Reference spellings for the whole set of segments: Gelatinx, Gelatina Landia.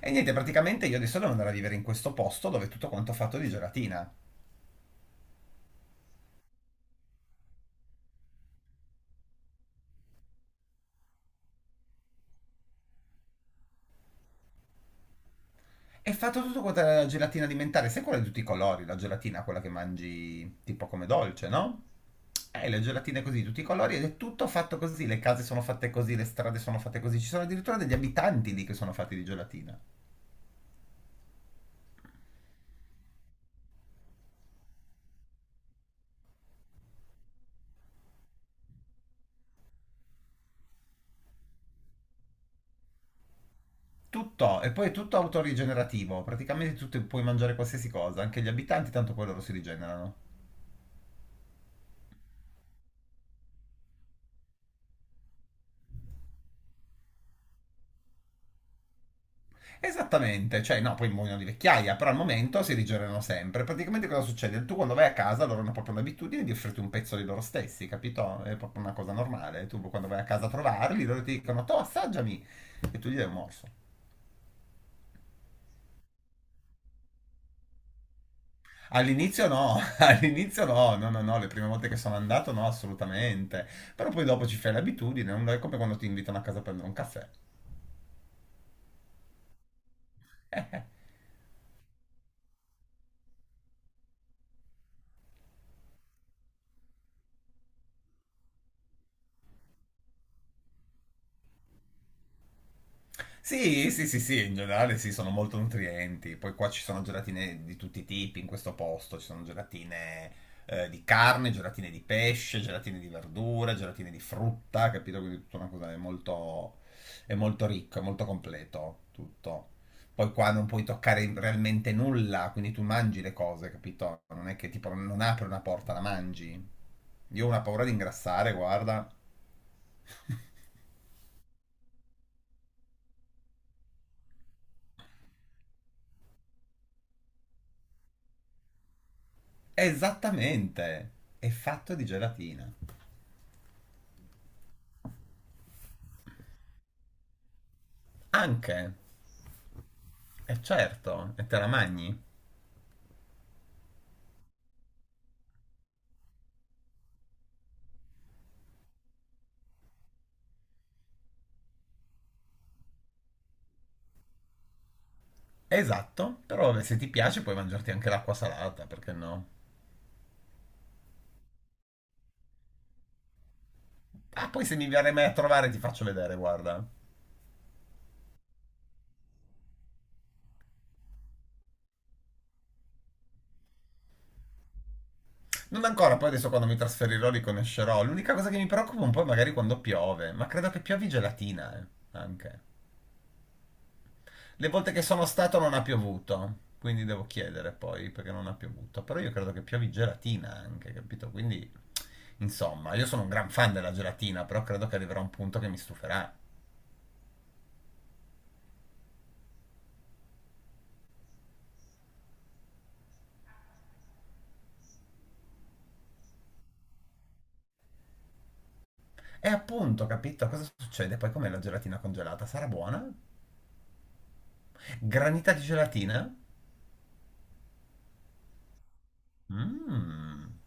E niente, praticamente io adesso devo andare a vivere in questo posto dove tutto quanto ho fatto di gelatina. È fatto tutto quanto la gelatina alimentare, sai quella di tutti i colori, la gelatina quella che mangi tipo come dolce, no? Le gelatine così, di tutti i colori, ed è tutto fatto così, le case sono fatte così, le strade sono fatte così, ci sono addirittura degli abitanti lì che sono fatti di gelatina. Tutto, e poi è tutto autorigenerativo, praticamente puoi mangiare qualsiasi cosa, anche gli abitanti, tanto poi loro si rigenerano. Esattamente, cioè no, poi muoiono di vecchiaia, però al momento si rigenerano sempre. Praticamente cosa succede? Tu quando vai a casa loro hanno proprio l'abitudine di offrirti un pezzo di loro stessi, capito? È proprio una cosa normale. Tu quando vai a casa a trovarli, loro ti dicono, to assaggiami, e tu gli dai un morso. All'inizio no, all'inizio no, no, no, no, le prime volte che sono andato no, assolutamente. Però poi dopo ci fai l'abitudine, non è come quando ti invitano a casa a prendere un caffè. Sì, sì, sì, sì, in generale sì, sono molto nutrienti. Poi qua ci sono gelatine di tutti i tipi in questo posto, ci sono gelatine di carne, gelatine di pesce, gelatine di verdura, gelatine di frutta, capito? Quindi tutta una cosa è molto ricco, è molto completo tutto. Poi qua non puoi toccare realmente nulla, quindi tu mangi le cose, capito? Non è che tipo non apri una porta, la mangi. Io ho una paura di ingrassare, guarda. Esattamente, è fatto di gelatina. Anche, è certo, e te la mangi? Esatto, però se ti piace puoi mangiarti anche l'acqua salata, perché no? Ah, poi se mi verrai mai a trovare ti faccio vedere, guarda. Non ancora, poi adesso quando mi trasferirò li conoscerò. L'unica cosa che mi preoccupa un po' è magari quando piove, ma credo che piovi gelatina, anche. Le volte che sono stato non ha piovuto, quindi devo chiedere poi perché non ha piovuto. Però io credo che piovi gelatina anche, capito? Quindi, insomma, io sono un gran fan della gelatina, però credo che arriverà un punto che mi stuferà. E appunto, capito? Cosa succede? Poi com'è la gelatina congelata? Sarà buona? Granita di gelatina? Mmm.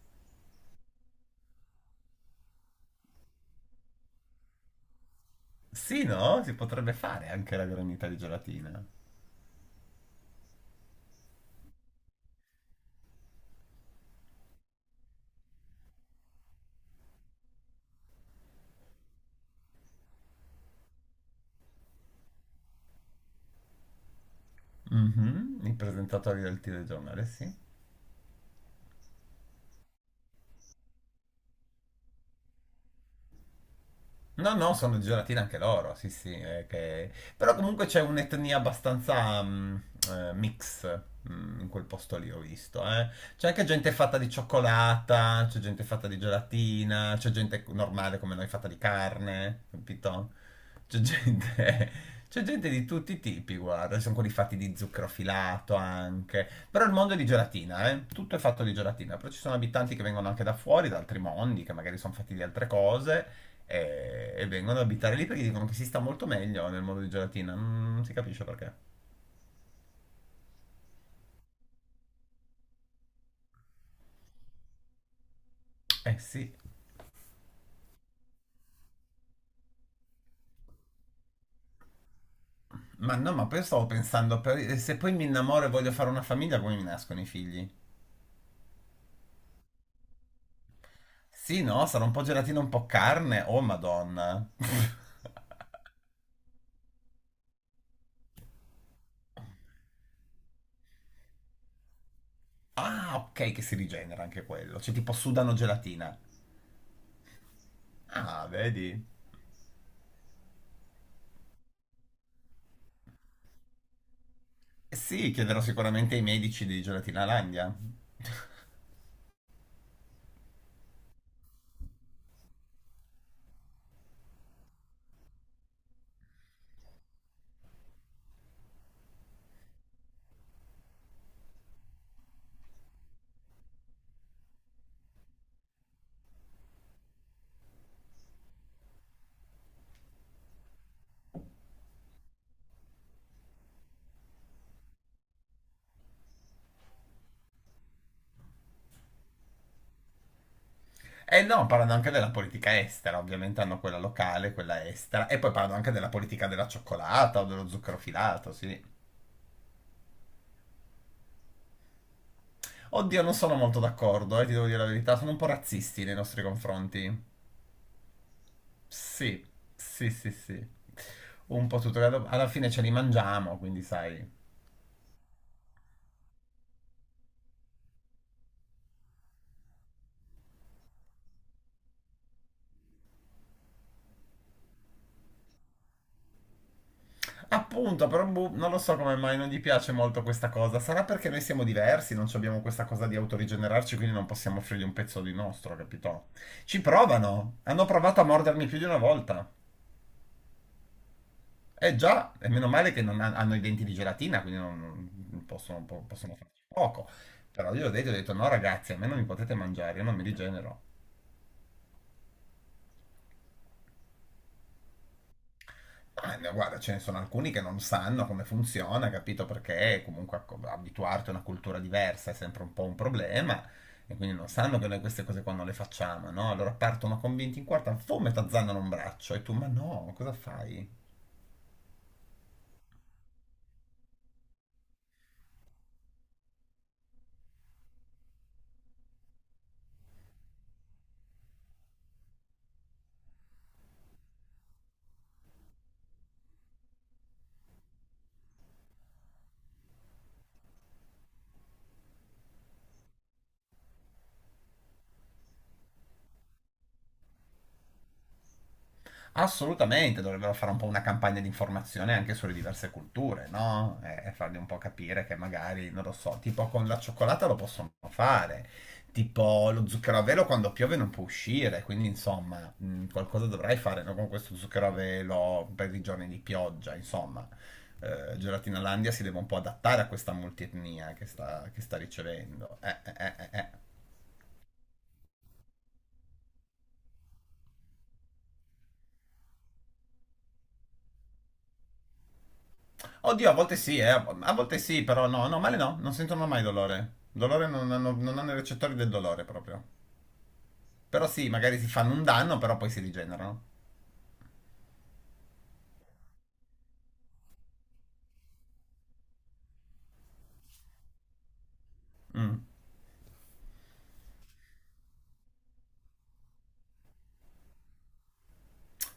Sì, no? Si potrebbe fare anche la granita di gelatina. Mhm, i presentatori del telegiornale, sì. No, no, sono di gelatina anche loro, sì, sì. Però comunque c'è un'etnia abbastanza mix in quel posto lì, ho visto. C'è anche gente fatta di cioccolata, c'è gente fatta di gelatina, c'è gente normale come noi fatta di carne, capito? C'è gente, c'è gente di tutti i tipi, guarda. Ci sono quelli fatti di zucchero filato anche. Però il mondo è di gelatina, eh. Tutto è fatto di gelatina. Però ci sono abitanti che vengono anche da fuori, da altri mondi, che magari sono fatti di altre cose e vengono ad abitare lì perché dicono che si sta molto meglio nel mondo di gelatina. Non si capisce perché. Eh sì. Ma no, ma poi stavo pensando, se poi mi innamoro e voglio fare una famiglia, come mi nascono i figli? Sì, no, sarà un po' gelatina, un po' carne. Oh, Madonna. Ah, ok, che si rigenera anche quello. Cioè, tipo sudano gelatina. Ah, vedi? Eh sì, chiederò sicuramente ai medici di Gelatina Landia. E no, parlano anche della politica estera, ovviamente hanno quella locale, quella estera, e poi parlano anche della politica della cioccolata o dello zucchero filato, sì. Oddio, non sono molto d'accordo, ti devo dire la verità, sono un po' razzisti nei nostri confronti. Sì, sì, sì, sì. Un po' tutto, alla fine ce li mangiamo, quindi sai, appunto, però boh, non lo so come mai non gli piace molto questa cosa. Sarà perché noi siamo diversi, non abbiamo questa cosa di autorigenerarci, quindi non possiamo offrirgli un pezzo di nostro, capito? Ci provano. Hanno provato a mordermi più di una volta. Eh già, e meno male che non han- hanno i denti di gelatina, quindi non, non possono, possono farci poco. Però io ho detto no ragazzi, a me non mi potete mangiare, io non mi rigenero. Ah, no, guarda, ce ne sono alcuni che non sanno come funziona, capito? Perché comunque abituarti a una cultura diversa è sempre un po' un problema e quindi non sanno che noi queste cose qua non le facciamo, no? Allora partono convinti in quarta, fum, e t'azzannano un braccio e tu, ma no, cosa fai? Assolutamente, dovrebbero fare un po' una campagna di informazione anche sulle diverse culture, no? E fargli un po' capire che magari, non lo so, tipo con la cioccolata lo possono fare, tipo lo zucchero a velo quando piove non può uscire, quindi insomma, qualcosa dovrai fare, no? Con questo zucchero a velo per i giorni di pioggia, insomma. Gelatina Landia si deve un po' adattare a questa multietnia che sta ricevendo. Oddio, a volte sì, però no, no, male no, non sentono mai dolore. Dolore non hanno, non hanno i recettori del dolore proprio. Però sì, magari si fanno un danno, però poi si rigenerano. Mm.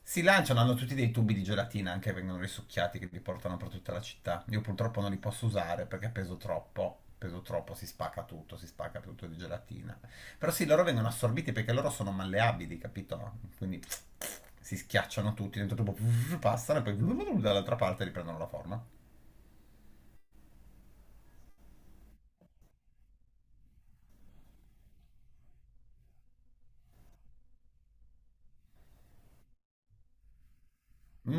Si lanciano, hanno tutti dei tubi di gelatina anche che vengono risucchiati che li portano per tutta la città. Io purtroppo non li posso usare perché peso troppo. Peso troppo, si spacca tutto di gelatina. Però sì, loro vengono assorbiti perché loro sono malleabili, capito? Quindi si schiacciano tutti, dentro tubo passano e poi dall'altra parte riprendono la forma.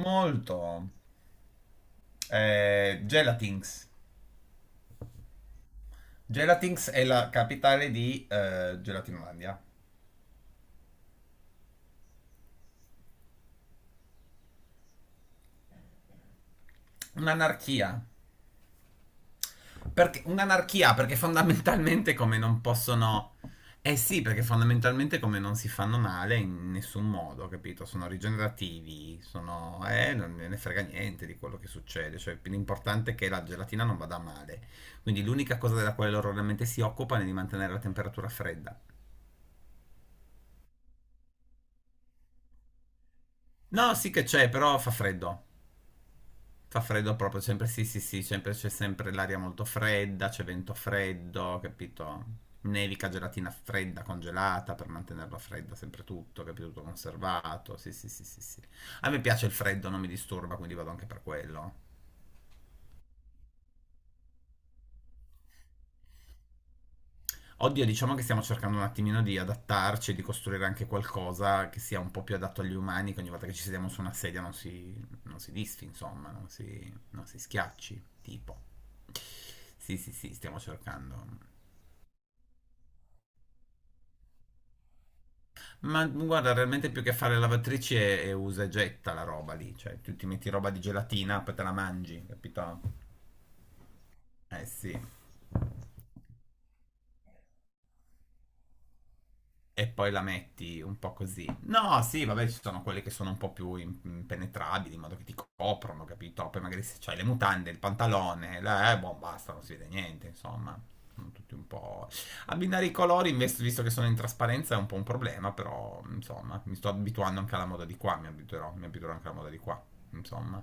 Molto. Gelatinx. Gelatinx è la capitale di Gelatinolandia. Un'anarchia. Perché, un'anarchia perché fondamentalmente come non possono... Eh sì, perché fondamentalmente come non si fanno male in nessun modo, capito? Sono rigenerativi, sono... non me ne frega niente di quello che succede. Cioè, l'importante è che la gelatina non vada male. Quindi l'unica cosa della quale loro realmente si occupano è di mantenere la temperatura fredda. No, sì che c'è, però fa freddo. Fa freddo proprio, sempre sì, sì, sì, sempre, c'è sempre l'aria molto fredda, c'è vento freddo, capito? Nevica gelatina fredda, congelata per mantenerla fredda, sempre tutto, capito? Tutto conservato, sì, sì, sì, sì, sì. A me piace il freddo, non mi disturba, quindi vado anche per quello. Oddio, diciamo che stiamo cercando un attimino di adattarci e di costruire anche qualcosa che sia un po' più adatto agli umani, che ogni volta che ci sediamo su una sedia non si disfi, insomma, non si schiacci, tipo. Sì, sì, sì, stiamo cercando. Ma guarda, realmente più che fare lavatrici è usa e getta la roba lì, cioè tu ti metti roba di gelatina, poi te la mangi, capito? Eh sì. E poi la metti un po' così. No, sì, vabbè, ci sono quelle che sono un po' più impenetrabili, in modo che ti coprono, capito? Poi magari se c'hai le mutande, il pantalone, boh, basta, non si vede niente, insomma. Sono tutti un po'... Abbinare i colori, invece, visto che sono in trasparenza, è un po' un problema, però, insomma, mi sto abituando anche alla moda di qua, mi abituerò anche alla moda di qua, insomma.